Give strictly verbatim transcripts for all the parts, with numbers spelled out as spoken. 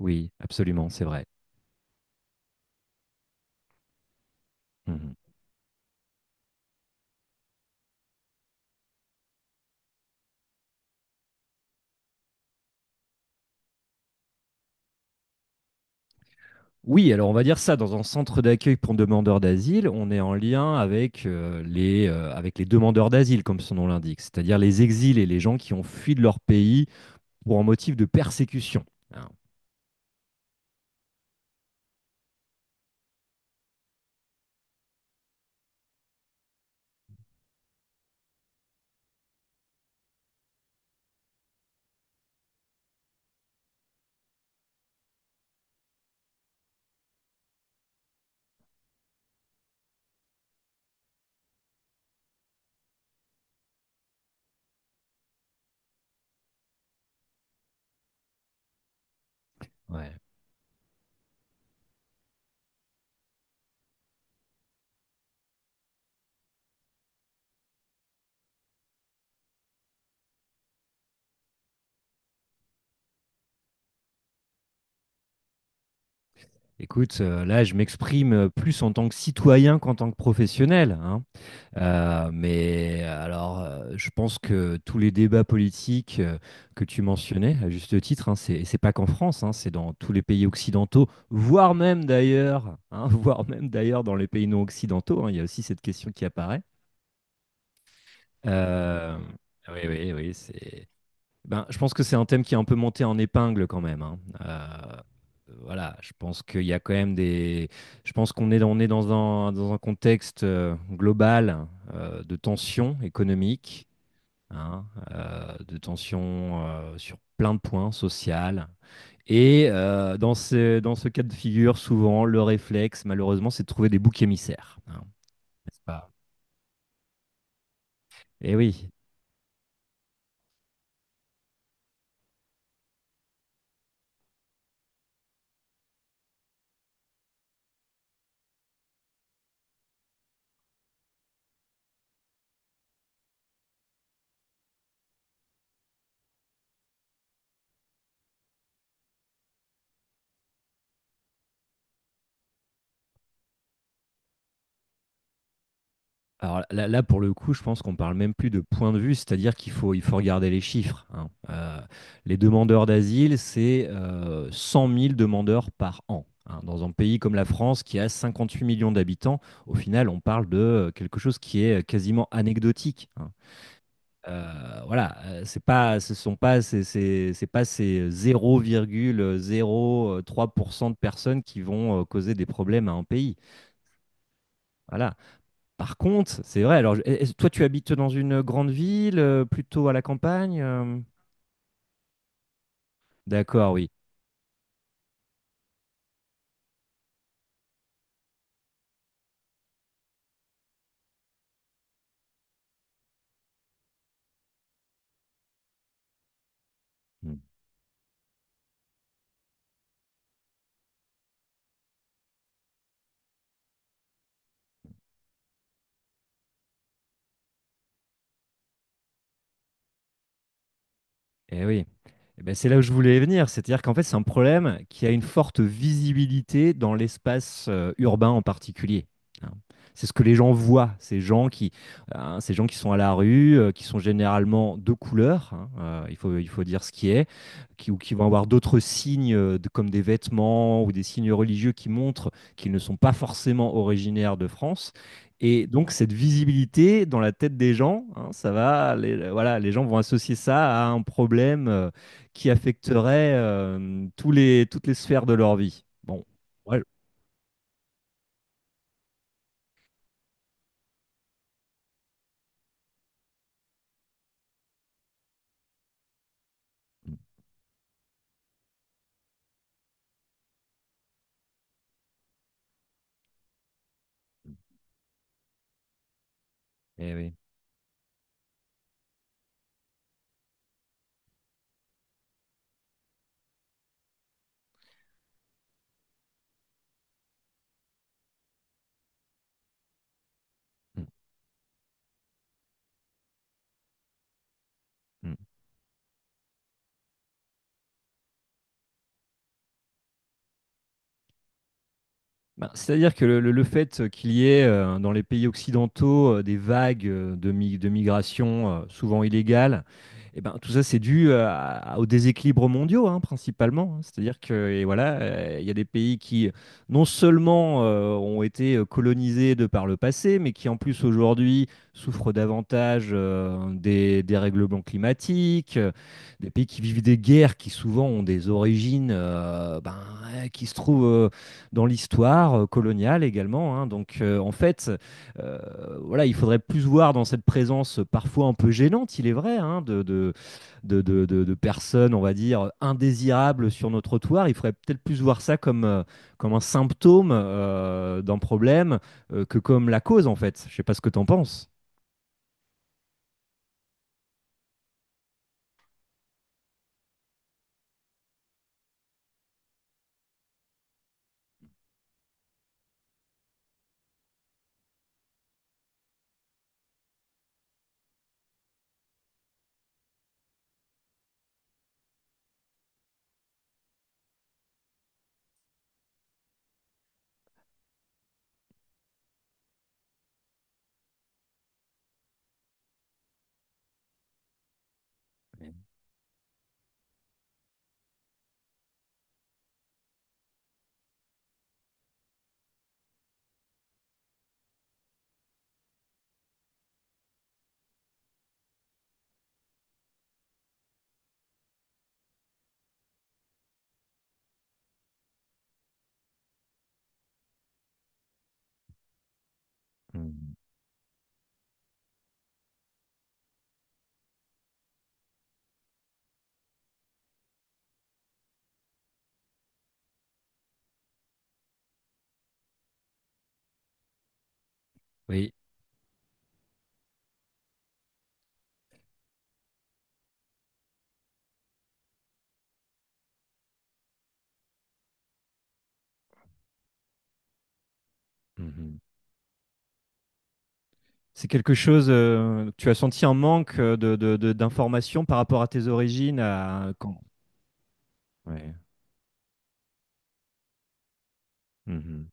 Oui, absolument, c'est vrai. Mhm. Oui, alors on va dire ça, dans un centre d'accueil pour demandeurs d'asile, on est en lien avec, euh, les, euh, avec les demandeurs d'asile, comme son nom l'indique, c'est-à-dire les exils et les gens qui ont fui de leur pays pour un motif de persécution. Ah, ouais. Écoute, euh, là, je m'exprime euh, plus en tant que citoyen qu'en tant que professionnel, hein. Euh, mais euh, alors, euh, je pense que tous les débats politiques euh, que tu mentionnais, à juste titre, hein, c'est c'est pas qu'en France, hein, c'est dans tous les pays occidentaux, voire même d'ailleurs, hein, voire même d'ailleurs dans les pays non occidentaux, hein, il y a aussi cette question qui apparaît. Euh, oui, oui, oui, c'est. Ben, je pense que c'est un thème qui est un peu monté en épingle quand même, hein. Euh, voilà, je pense qu'il y a quand même des. Je pense qu'on est, dans- on est dans un, dans un contexte euh, global euh, de tension économique, hein, euh, de tension euh, sur plein de points sociales. Et euh, dans ce, dans ce cas de figure, souvent, le réflexe, malheureusement, c'est de trouver des boucs émissaires, hein, n'est-ce pas? Et oui. Alors là, là, pour le coup, je pense qu'on parle même plus de point de vue, c'est-à-dire qu'il faut, il faut regarder les chiffres, hein. Euh, les demandeurs d'asile, c'est euh, cent mille demandeurs par an, hein. Dans un pays comme la France, qui a cinquante-huit millions d'habitants, au final, on parle de euh, quelque chose qui est euh, quasiment anecdotique, hein. Euh, voilà, euh, c'est pas, ce sont pas, ces- ces- c'est pas ces zéro zéro virgule zéro trois pour cent de personnes qui vont euh, causer des problèmes à un pays. Voilà, par contre, c'est vrai. Alors, est-ce- toi, tu habites dans une grande ville, euh, plutôt à la campagne? euh D'accord, oui. Hmm. Eh oui. Eh ben, c'est là où je voulais venir. C'est-à-dire qu'en fait, c'est un problème qui a une forte visibilité dans l'espace euh, urbain en particulier, hein. C'est ce que les gens voient, ces gens qui, hein, ces gens qui sont à la rue, euh, qui sont généralement de couleur, hein, euh, il faut, il faut dire ce qui est, qui, ou qui vont avoir d'autres signes euh, de- comme des vêtements ou des signes religieux qui montrent qu'ils ne sont pas forcément originaires de France. Et donc, cette visibilité dans la tête des gens, hein, ça va, les, voilà, les gens vont associer ça à un problème euh, qui affecterait euh, tous les, toutes les sphères de leur vie. Bon, ouais, eh oui. Mm, mm. Ben, c'est-à-dire que le, le- le fait qu'il y ait euh, dans les pays occidentaux euh, des vagues euh, de, mi- de migration euh, souvent illégales, eh ben, tout ça c'est dû euh, à- aux déséquilibres mondiaux, hein, principalement, hein. C'est-à-dire que et voilà, euh, il y a des pays qui non seulement euh, ont été euh, colonisés de par le passé, mais qui en plus aujourd'hui souffrent davantage euh, des dérèglements climatiques, euh, des pays qui vivent des guerres qui souvent ont des origines euh, ben, ouais, qui se trouvent euh, dans l'histoire euh, coloniale également, hein. Donc, euh, en fait, euh, voilà, il faudrait plus voir dans cette présence parfois un peu gênante, il est vrai, hein, de, de, de, de- de- de personnes, on va dire, indésirables sur nos trottoirs. Il faudrait peut-être plus voir ça comme, euh, comme un symptôme euh, d'un problème euh, que comme la cause, en fait. Je sais pas ce que tu en penses. Mhm. Oui. Mhm. C'est quelque chose, euh, tu as senti un manque euh, de, de- de- d'informations par rapport à tes origines, à... quand- Ouais. Mhm.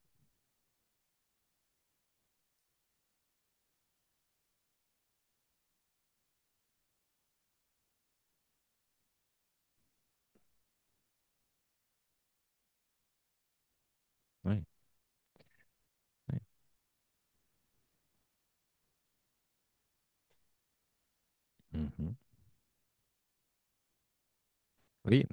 Ouais. Ouais. Mhm. Oui,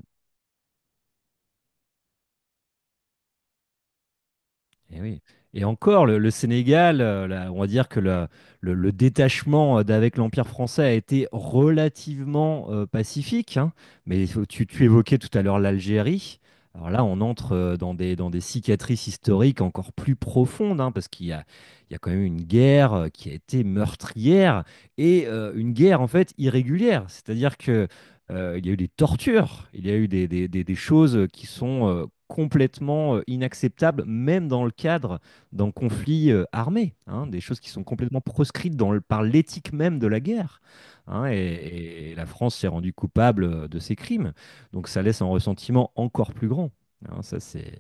et oui. Et encore, le, le Sénégal, euh, là, on va dire que la- le, le détachement euh, d'avec l'Empire français a été relativement euh, pacifique, hein. Mais il faut- tu, tu évoquais tout à l'heure l'Algérie. Alors là, on entre euh, dans des, dans des cicatrices historiques encore plus profondes, hein, parce qu'il y a, il y a quand même une guerre euh, qui a été meurtrière et euh, une guerre en fait irrégulière. C'est-à-dire que Euh, il y a eu des tortures, il y a eu des, des- des- des choses qui sont euh, complètement euh, inacceptables, même dans le cadre d'un conflit euh, armé, hein, des choses qui sont complètement proscrites dans le- par l'éthique même de la guerre, hein. et, et la France s'est rendue coupable euh, de ces crimes. Donc ça laisse un ressentiment encore plus grand, hein, ça, c'est.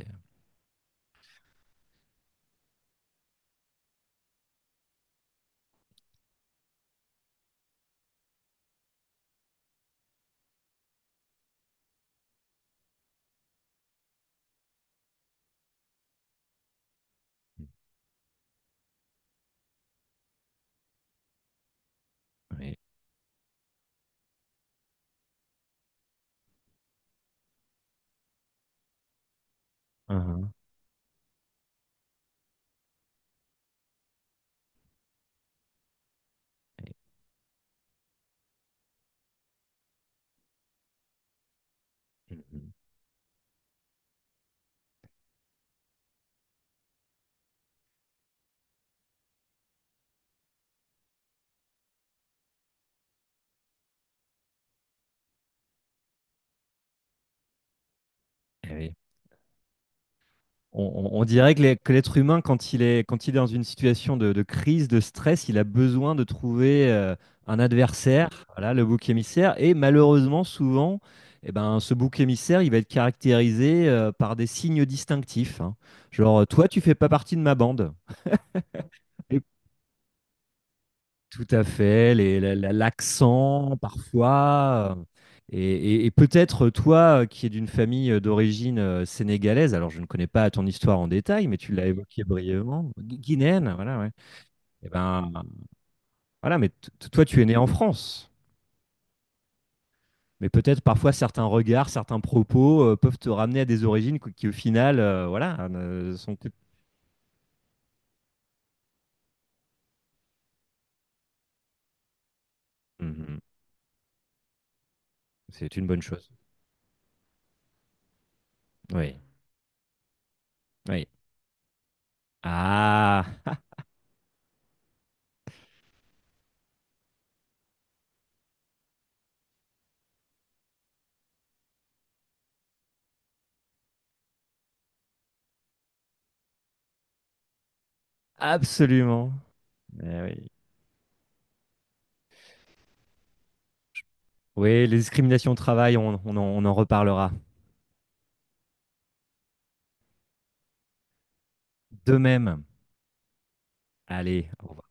Oui. Uhum. Eh, mhm. Eh oui. On, on- dirait que les- que l'être humain, quand il est, quand il est dans une situation de, de crise, de stress, il a besoin de trouver euh, un adversaire, voilà, le bouc émissaire. Et malheureusement, souvent, eh ben, ce bouc émissaire, il va être caractérisé euh, par des signes distinctifs, hein. Genre, toi, tu fais pas partie de ma bande. Tout à fait, les- la- la- l'accent parfois. euh, Et, et- et peut-être toi euh, qui es d'une famille euh, d'origine euh, sénégalaise, alors je ne connais pas ton histoire en détail, mais tu l'as évoqué brièvement, Gui- guinéenne, voilà, ouais. Et ben voilà, mais t- t- toi tu es né en France, mais peut-être parfois certains regards, certains propos euh, peuvent te ramener à des origines qui, qui, au final, euh, voilà, euh, ne sont Mhm. C'est une bonne chose. Oui, oui. Ah, absolument. Eh oui. Oui, les discriminations au travail, on, on en, on en reparlera. De même. Allez, au revoir.